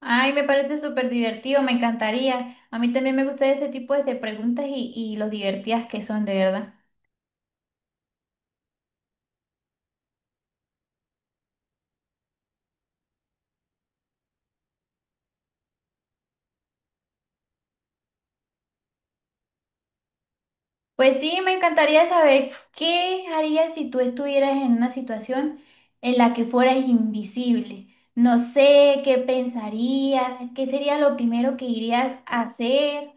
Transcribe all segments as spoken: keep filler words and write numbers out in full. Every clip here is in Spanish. Ay, me parece súper divertido, me encantaría. A mí también me gusta ese tipo de preguntas y, y los divertidas que son, de verdad. Pues sí, me encantaría saber qué harías si tú estuvieras en una situación en la que fueras invisible. No sé qué pensarías, qué sería lo primero que irías a hacer.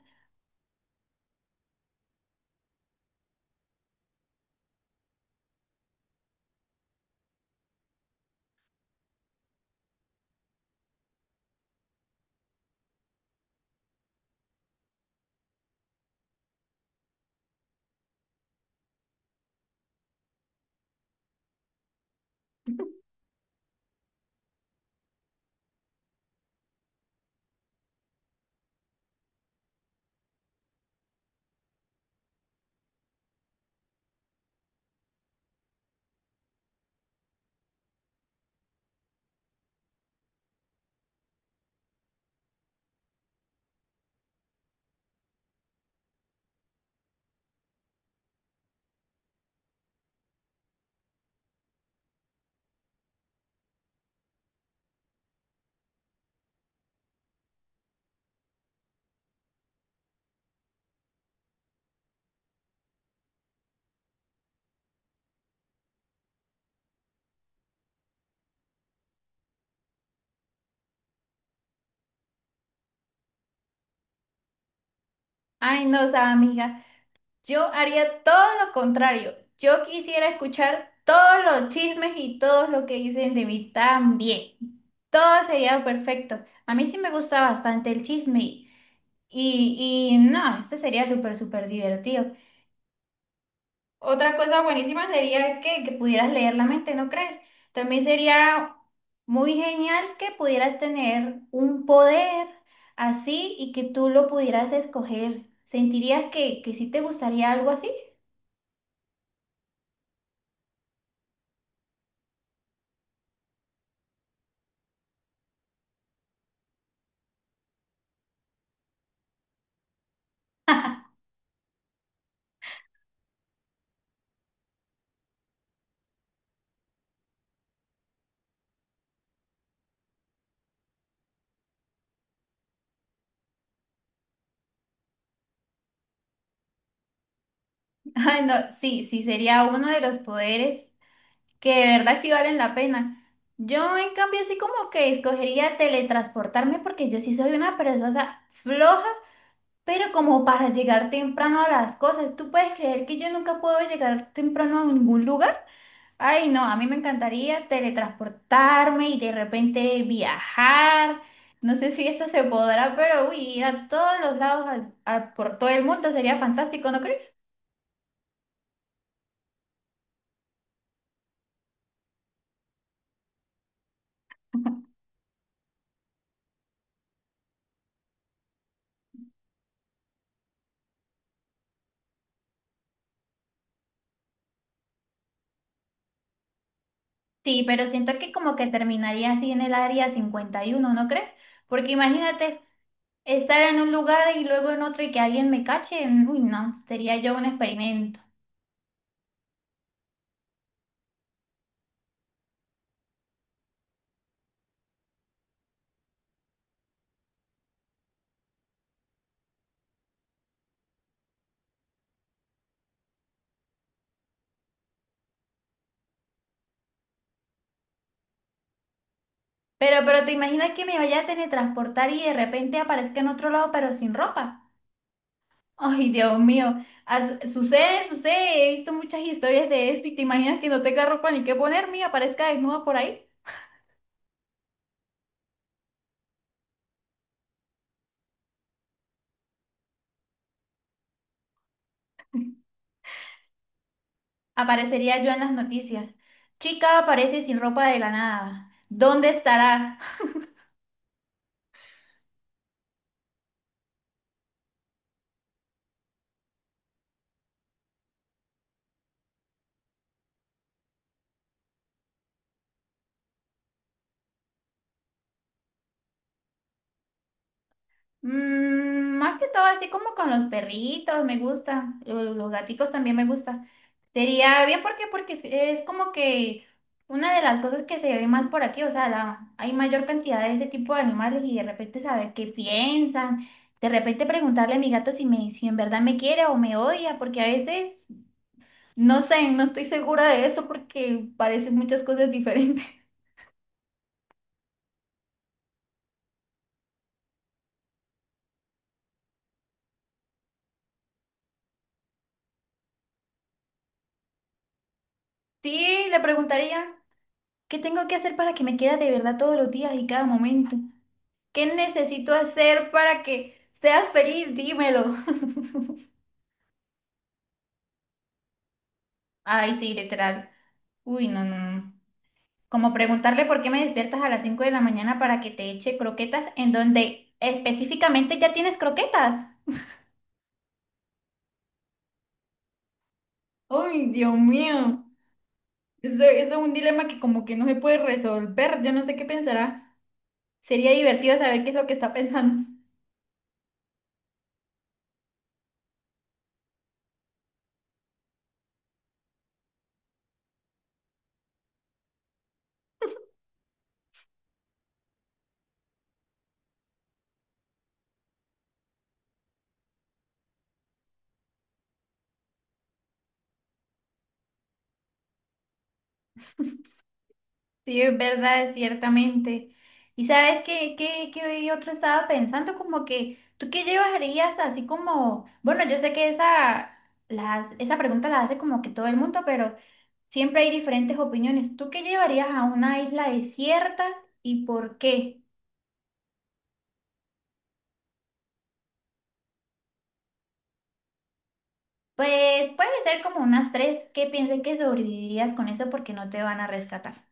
Ay, no, o sea, amiga. Yo haría todo lo contrario. Yo quisiera escuchar todos los chismes y todo lo que dicen de mí también. Todo sería perfecto. A mí sí me gusta bastante el chisme y, y, y no, este sería súper, súper divertido. Otra cosa buenísima sería que, que pudieras leer la mente, ¿no crees? También sería muy genial que pudieras tener un poder así y que tú lo pudieras escoger. ¿Sentirías que, que sí te gustaría algo así? Ay, no, sí, sí, sería uno de los poderes que de verdad sí valen la pena. Yo, en cambio, sí como que escogería teletransportarme porque yo sí soy una persona floja, pero como para llegar temprano a las cosas. ¿Tú puedes creer que yo nunca puedo llegar temprano a ningún lugar? Ay, no, a mí me encantaría teletransportarme y de repente viajar. No sé si eso se podrá, pero uy, ir a todos los lados, a- a- por todo el mundo sería fantástico, ¿no crees? Sí, pero siento que como que terminaría así en el área cincuenta y uno, ¿no crees? Porque imagínate estar en un lugar y luego en otro y que alguien me cache. mm, Uy, no, sería yo un experimento. Pero, pero ¿te imaginas que me vaya a teletransportar y de repente aparezca en otro lado pero sin ropa? Ay, Dios mío. As- sucede, sucede. He visto muchas historias de eso y te imaginas que no tenga ropa ni qué ponerme y aparezca desnuda por ahí. Aparecería yo en las noticias. Chica aparece sin ropa de la nada. ¿Dónde estará? Mm, más que todo, así como con los perritos, me gusta. lo- Los gaticos también me gusta. Sería bien, ¿por qué? Porque es es como que una de las cosas que se ve más por aquí, o sea, la- hay mayor cantidad de ese tipo de animales y de repente saber qué piensan. De repente preguntarle a mi gato si me, si en verdad me quiere o me odia, porque a veces no sé, no estoy segura de eso porque parecen muchas cosas diferentes. Sí, le preguntaría, ¿qué tengo que hacer para que me quiera de verdad todos los días y cada momento? ¿Qué necesito hacer para que seas feliz? Dímelo. Ay, sí, literal. Uy, no, no, no. Como preguntarle por qué me despiertas a las cinco de la mañana para que te eche croquetas en donde específicamente ya tienes croquetas. Ay, Dios mío. Eso, eso es un dilema que como que no se puede resolver. Yo no sé qué pensará. Sería divertido saber qué es lo que está pensando. Sí, es verdad, ciertamente. ¿Y sabes qué, qué, qué otro estaba pensando? Como que, ¿tú qué llevarías así como, bueno, yo sé que esa, las, esa pregunta la hace como que todo el mundo, pero siempre hay diferentes opiniones. ¿Tú qué llevarías a una isla desierta y por qué? Pues puede ser como unas tres que piensen que sobrevivirías con eso porque no te van a rescatar.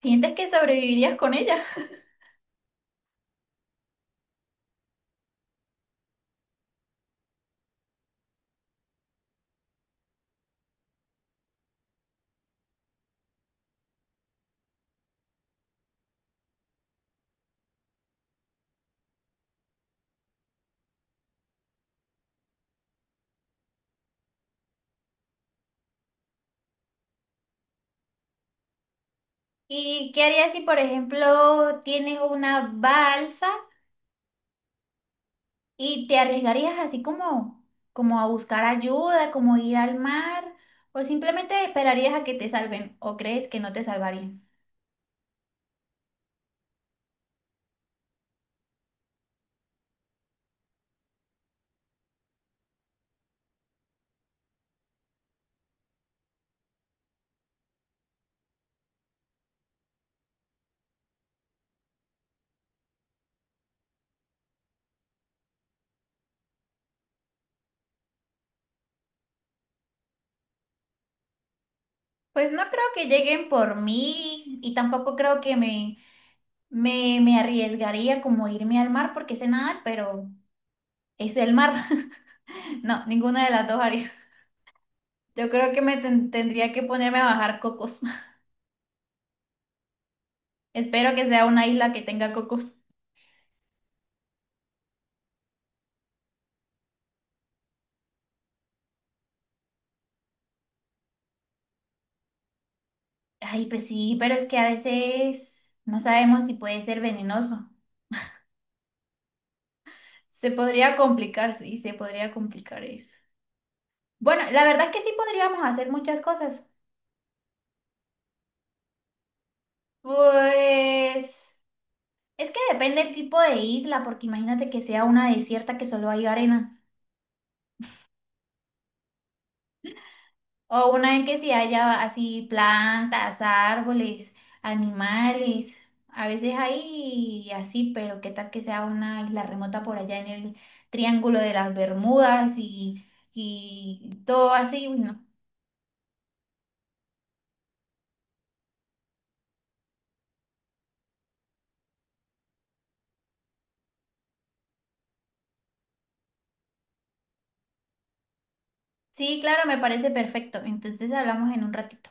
¿Sientes que sobrevivirías con ella? ¿Y qué harías si, por ejemplo, tienes una balsa? ¿Y te arriesgarías así como, como a buscar ayuda, como ir al mar, o simplemente esperarías a que te salven, o crees que no te salvarían? Pues no creo que lleguen por mí y tampoco creo que me, me, me arriesgaría como irme al mar porque sé nadar, pero es el mar. No, ninguna de las dos haría. Yo creo que me ten- tendría que ponerme a bajar cocos. Espero que sea una isla que tenga cocos. Ay, pues sí, pero es que a veces no sabemos si puede ser venenoso. Se podría complicar, sí, se podría complicar eso. Bueno, la verdad que sí podríamos hacer muchas cosas. Pues es que depende del tipo de isla, porque imagínate que sea una desierta que solo hay arena, o una en que sí haya así plantas, árboles, animales. A veces hay así, pero qué tal que sea una isla remota por allá en el Triángulo de las Bermudas y, y todo así, bueno. Sí, claro, me parece perfecto. Entonces hablamos en un ratito.